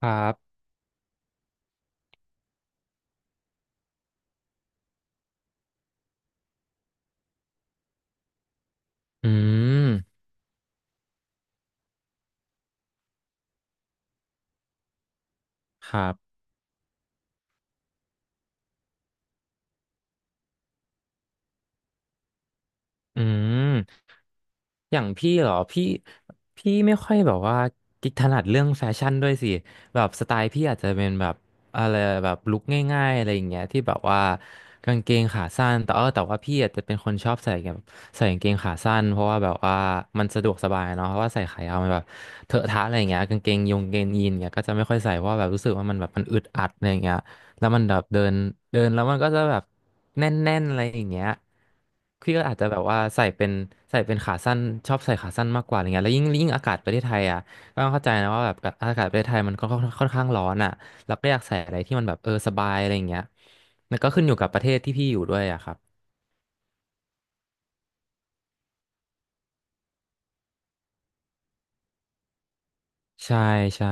ครับอืม ครับ อืม อย่างพี่เหรอพี่ไม่ค่อยแบบว่ากิจถนัดเรื่องแฟชั่นด้วยสิแบบสไตล์พี่อาจจะเป็นแบบอะไรแบบลุคง่ายๆอะไรอย่างเงี้ยที่แบบว่ากางเกงขาสั้นแต่ว่าพี่อาจจะเป็นคนชอบใส่แบบใส่กางเกงขาสั้นเพราะว่าแบบว่ามันสะดวกสบายเนาะเพราะว่าใส่ขายาวมันแบบเถอะทะอะไรอย่างเงี้ยกางเกงยีนเงี้ยก็จะไม่ค่อยใส่เพราะว่าแบบรู้สึกว่ามันแบบมันอึดอัดอะไรอย่างเงี้ย แล้วมันแบบเดินเดินแล้วมันก็จะแบบแน่นๆอะไรอย่างเงี้ยพี่ก็อาจจะแบบว่าใส่เป็นใส่เป็นขาสั้นชอบใส่ขาสั้นมากกว่าอะไรเงี้ยแล้วยิ่งอากาศประเทศไทยอ่ะก็ต้องเข้าใจนะว่าแบบอากาศประเทศไทยมันก็ค่อนข้างร้อนอ่ะเราก็อยากใส่อะไรที่มันแบบเออสบายอะไรอย่างเงี้ยแล้วก็ขึ้นอยู่กับประเทศที่พี่อยู่ด้วยอ่ะครับใช่ใช่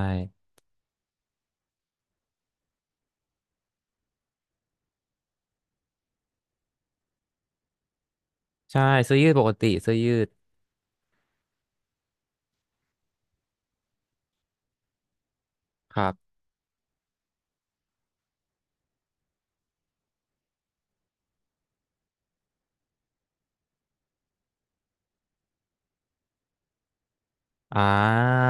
ใช่เสื้อยืดปกติเสื้อยืดครับอ่า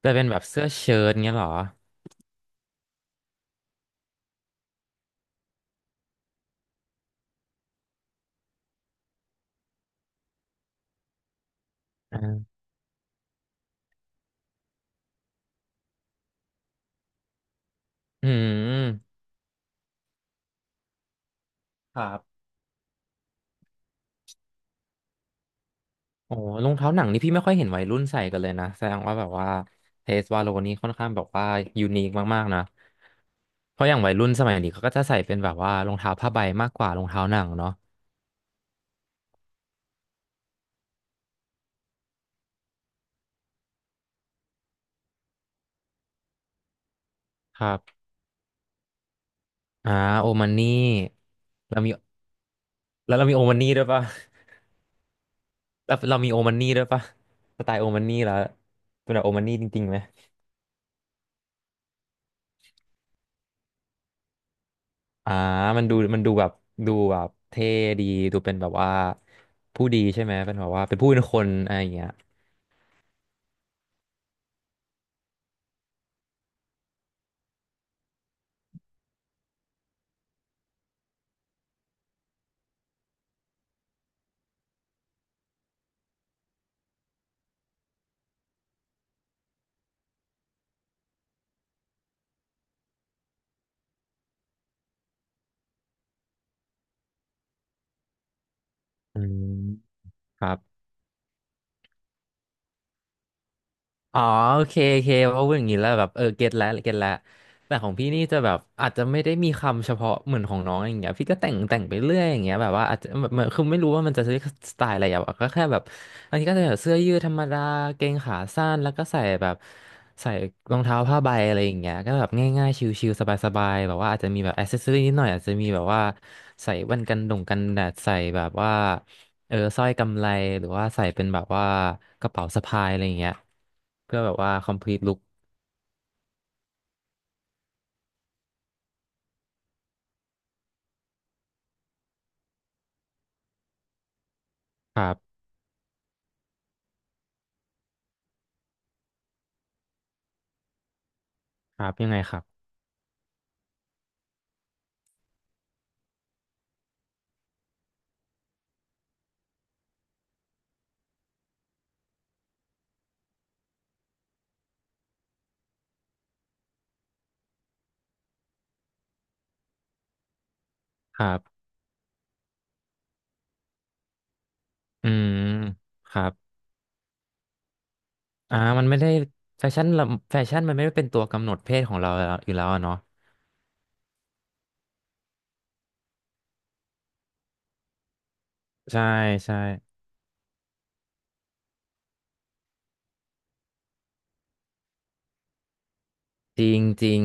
แต่เป็นแบบเสื้อเชิ้ตเงี้ยเหรออ่าอืมครับ โอ้รองเท้าหนังนี่พี่ไม่ค่อยเห็นวัยรุ่นใส่กันเลยนะแสดงว่าแบบว่าเทสวาโลนี่ค่อนข้างแบบว่ายูนิคมากๆนะเพราะอย่างวัยรุ่นสมัยนี้เขาก็จะใส่เป็นแบบว่ารองเท้าผ้าใบมากกว่ารองเท้าหนังเนาะครับอ่าโอมันนี่เรามีแล้วเรามีโอมันนี่ด้วยปะ แล้วเรามีโอมันนี่ด้วยปะสไตล์โอมันนี่แล้วเป็นแบบโอมันนี่จริงๆไหมอ่ามันดูแบบดูแบบเท่ดีดูเป็นแบบว่าผู้ดีใช่ไหมเป็นแบบว่าเป็นผู้เป็นคนอะไรอย่างเงี้ยอืมครับ อ๋อโอเคโอเคเพราะว่าอย่างนี้แล้วแบบเออเก็ตแล้วแต่ของพี่นี่จะแบบอาจจะไม่ได้มีคำเฉพาะเหมือนของน้องอย่างเงี้ยพี่ก็แต่งไปเรื่อยอย่างเงี้ยแบบว่าอาจจะแบบมันคือไม่รู้ว่ามันจะเรียกสไตล์อะไรอ่ะก็แค่แบบอันนี้ก็จะแบบเสื้อยืดธรรมดาเกงขาสั้นแล้วก็ใส่แบบใส่รองเท้าผ้าใบอะไรอย่างเงี้ยก็แบบง่ายๆชิลๆสบายๆแบบว่าอาจจะมีแบบแอ c เซสซอรี่นิดหน่อยอาจจะมีแบบว่าใส่แว่นกันดงกันแดดใส่แบบว่า เออสร้อยกำไรหรือว่าใส่เป็นแบบว่ากระเป๋าสะพายอะไรอย่างเงี้ยเพื่อแบบว่า complete look ครับครับยังไงครับครับอืมครับอ่ามันไม่ได้แฟชั่นละแฟชั่นมันไม่ได้เป็นตัวกำหนดเพศของเราแล้วอยู่แล้วอะเนาะใช่ใช่จริงจริง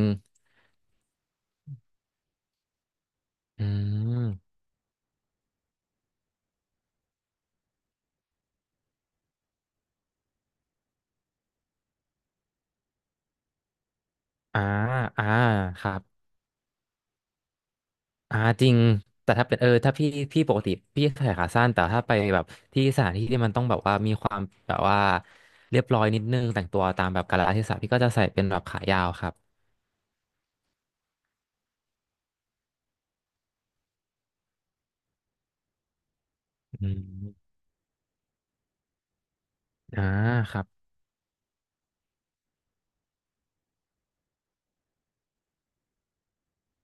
อืมอ่าอ่าครับ อ่าจริงแต่ถ้าเป็นเออถ้าพี่ปกติพี่ใส่ขาสั้นแต่ถ้าไปแบบที่สถานที่ที่มันต้องแบบว่ามีความแบบว่าเรียบร้อยนิดนึงแต่งตัวตามแบบกาลเทศะพี่ก็จะใส่เป็นแบบขายาวครับอืมอ่าครับ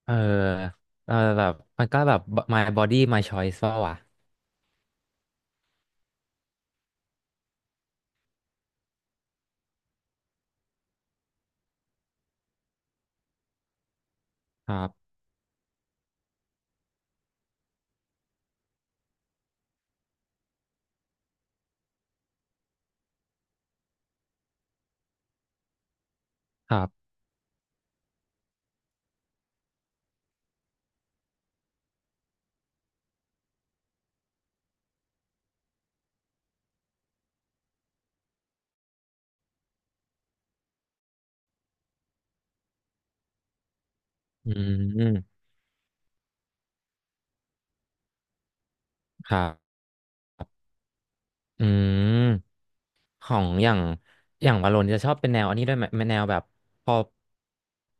เออเออแบบมันก็แบบ my body my choice ว่าวะครับครับอืมครับอืม ของอย่างอย่างวาโลนจะชอบเป็นแนวอันนี้ด้วยไหมแนวแบบพอ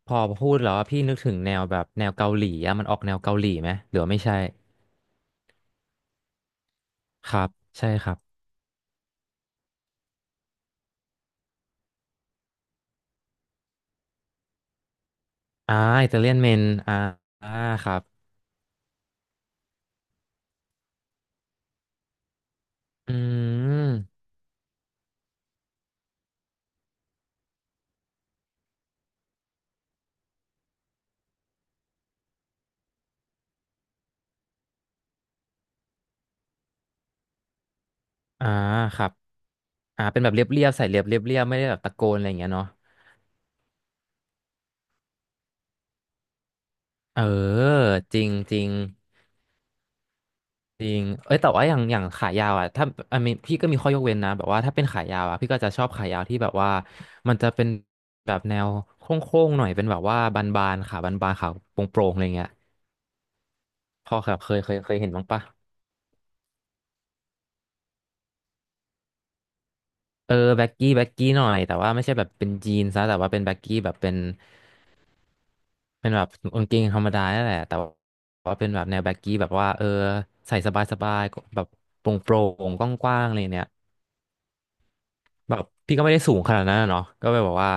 พอพูดแล้วอะพี่นึกถึงแนวแบบแนวเกาหลีอะมันออกแนวเกาหลีไหมหรือว่าไม่ใช่ครับใช่ครับอ่าอิตาเลียนเมนอ่าอ่าครับอืมอ่าครับอ่าเป็นแบบเรียบใส่เรียบเรียบไม่ได้แบบตะโกนอะไรอย่างเงี้ยเนาะเออจริงจริง จริงเอ้ยแต่ว่าอย่างขายาวอ่ะถ้าอันนี้พี่ก็มีข้อยกเว้นนะแบบว่าถ้าเป็นขายาวอ่ะพี่ก็จะชอบขายาวที่แบบว่ามันจะเป็นแบบแนวโค้งๆหน่อยเป็นแบบว่าบานๆบานๆขาโปร่งๆอะไรเงี้ยพอแบบเคยเห็นบ้างปะเออแบ็กกี้หน่อยแต่ว่าไม่ใช่แบบเป็นยีนซะแต่ว่าเป็นแบ็กกี้แบบเป็นแบบกางเกงธรรมดานั่นแหละแต่ว่าเป็นแบบแนวแบ็กกี้แบบว่าเออใส่สบายๆแบบโปร่งๆกว้างๆอะไรเนี่ย แบบพี่ก็ไม่ได้สูงขนาดนั้นอะเนาะก็เลยแบอกว่า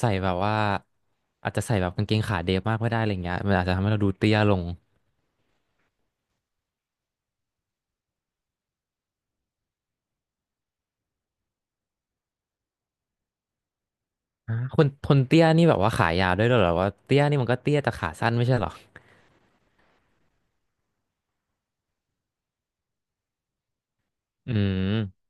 ใส่แบบว่าอาจจะใส่แบบกางเกงขาเดฟมากไม่ได้อะไรเงี้ยมันอาจจะทำให้เราดูเตี้ยลงอ่าคนเตี้ยนี่แบบว่าขายาวด้วยเหรอว่าเตี้ยนี่มันก็เตี้ยแต่ขาสั้นไม่ใช่เหรออืม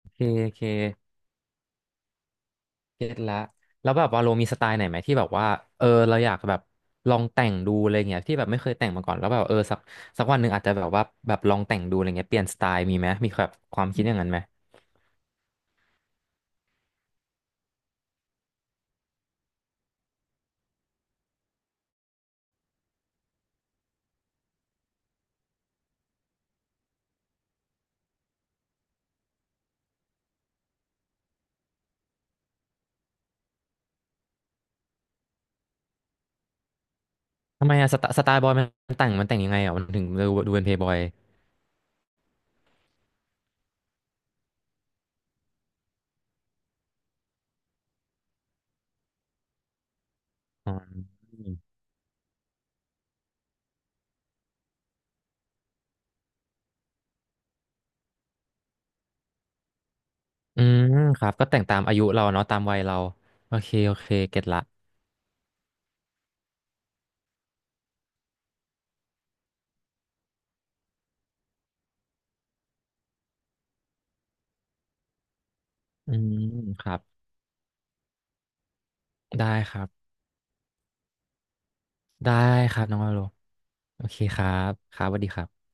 โอเคโอเคเก็ตละแล้วแบบว่าโลมีสไตล์ไหนไหมที่แบบว่าเออเราอยากแบบลองแต่งดูอะไรเงี้ยที่แบบไม่เคยแต่งมาก่อนแล้วแบบเออสักวันหนึ่งอาจจะแบบว่าแบบลองแต่งดูอะไรเงี้ยเปลี่ยนสไตล์มีไหมมีแบบความคิดอย่างนั้นไหม ทำไมอะสไตล์บอยมันแต่งยังไงอ่ะมันถึงดูเป็นเพย์บอยอ๋ออืมครับก็แต่งตามอายุเราเนาะตามวัยเราโอเคโอเคเก็ตละอืมครับได้ครับได้ครับน้องวาโลโอเคครับครับสวัสดีครับ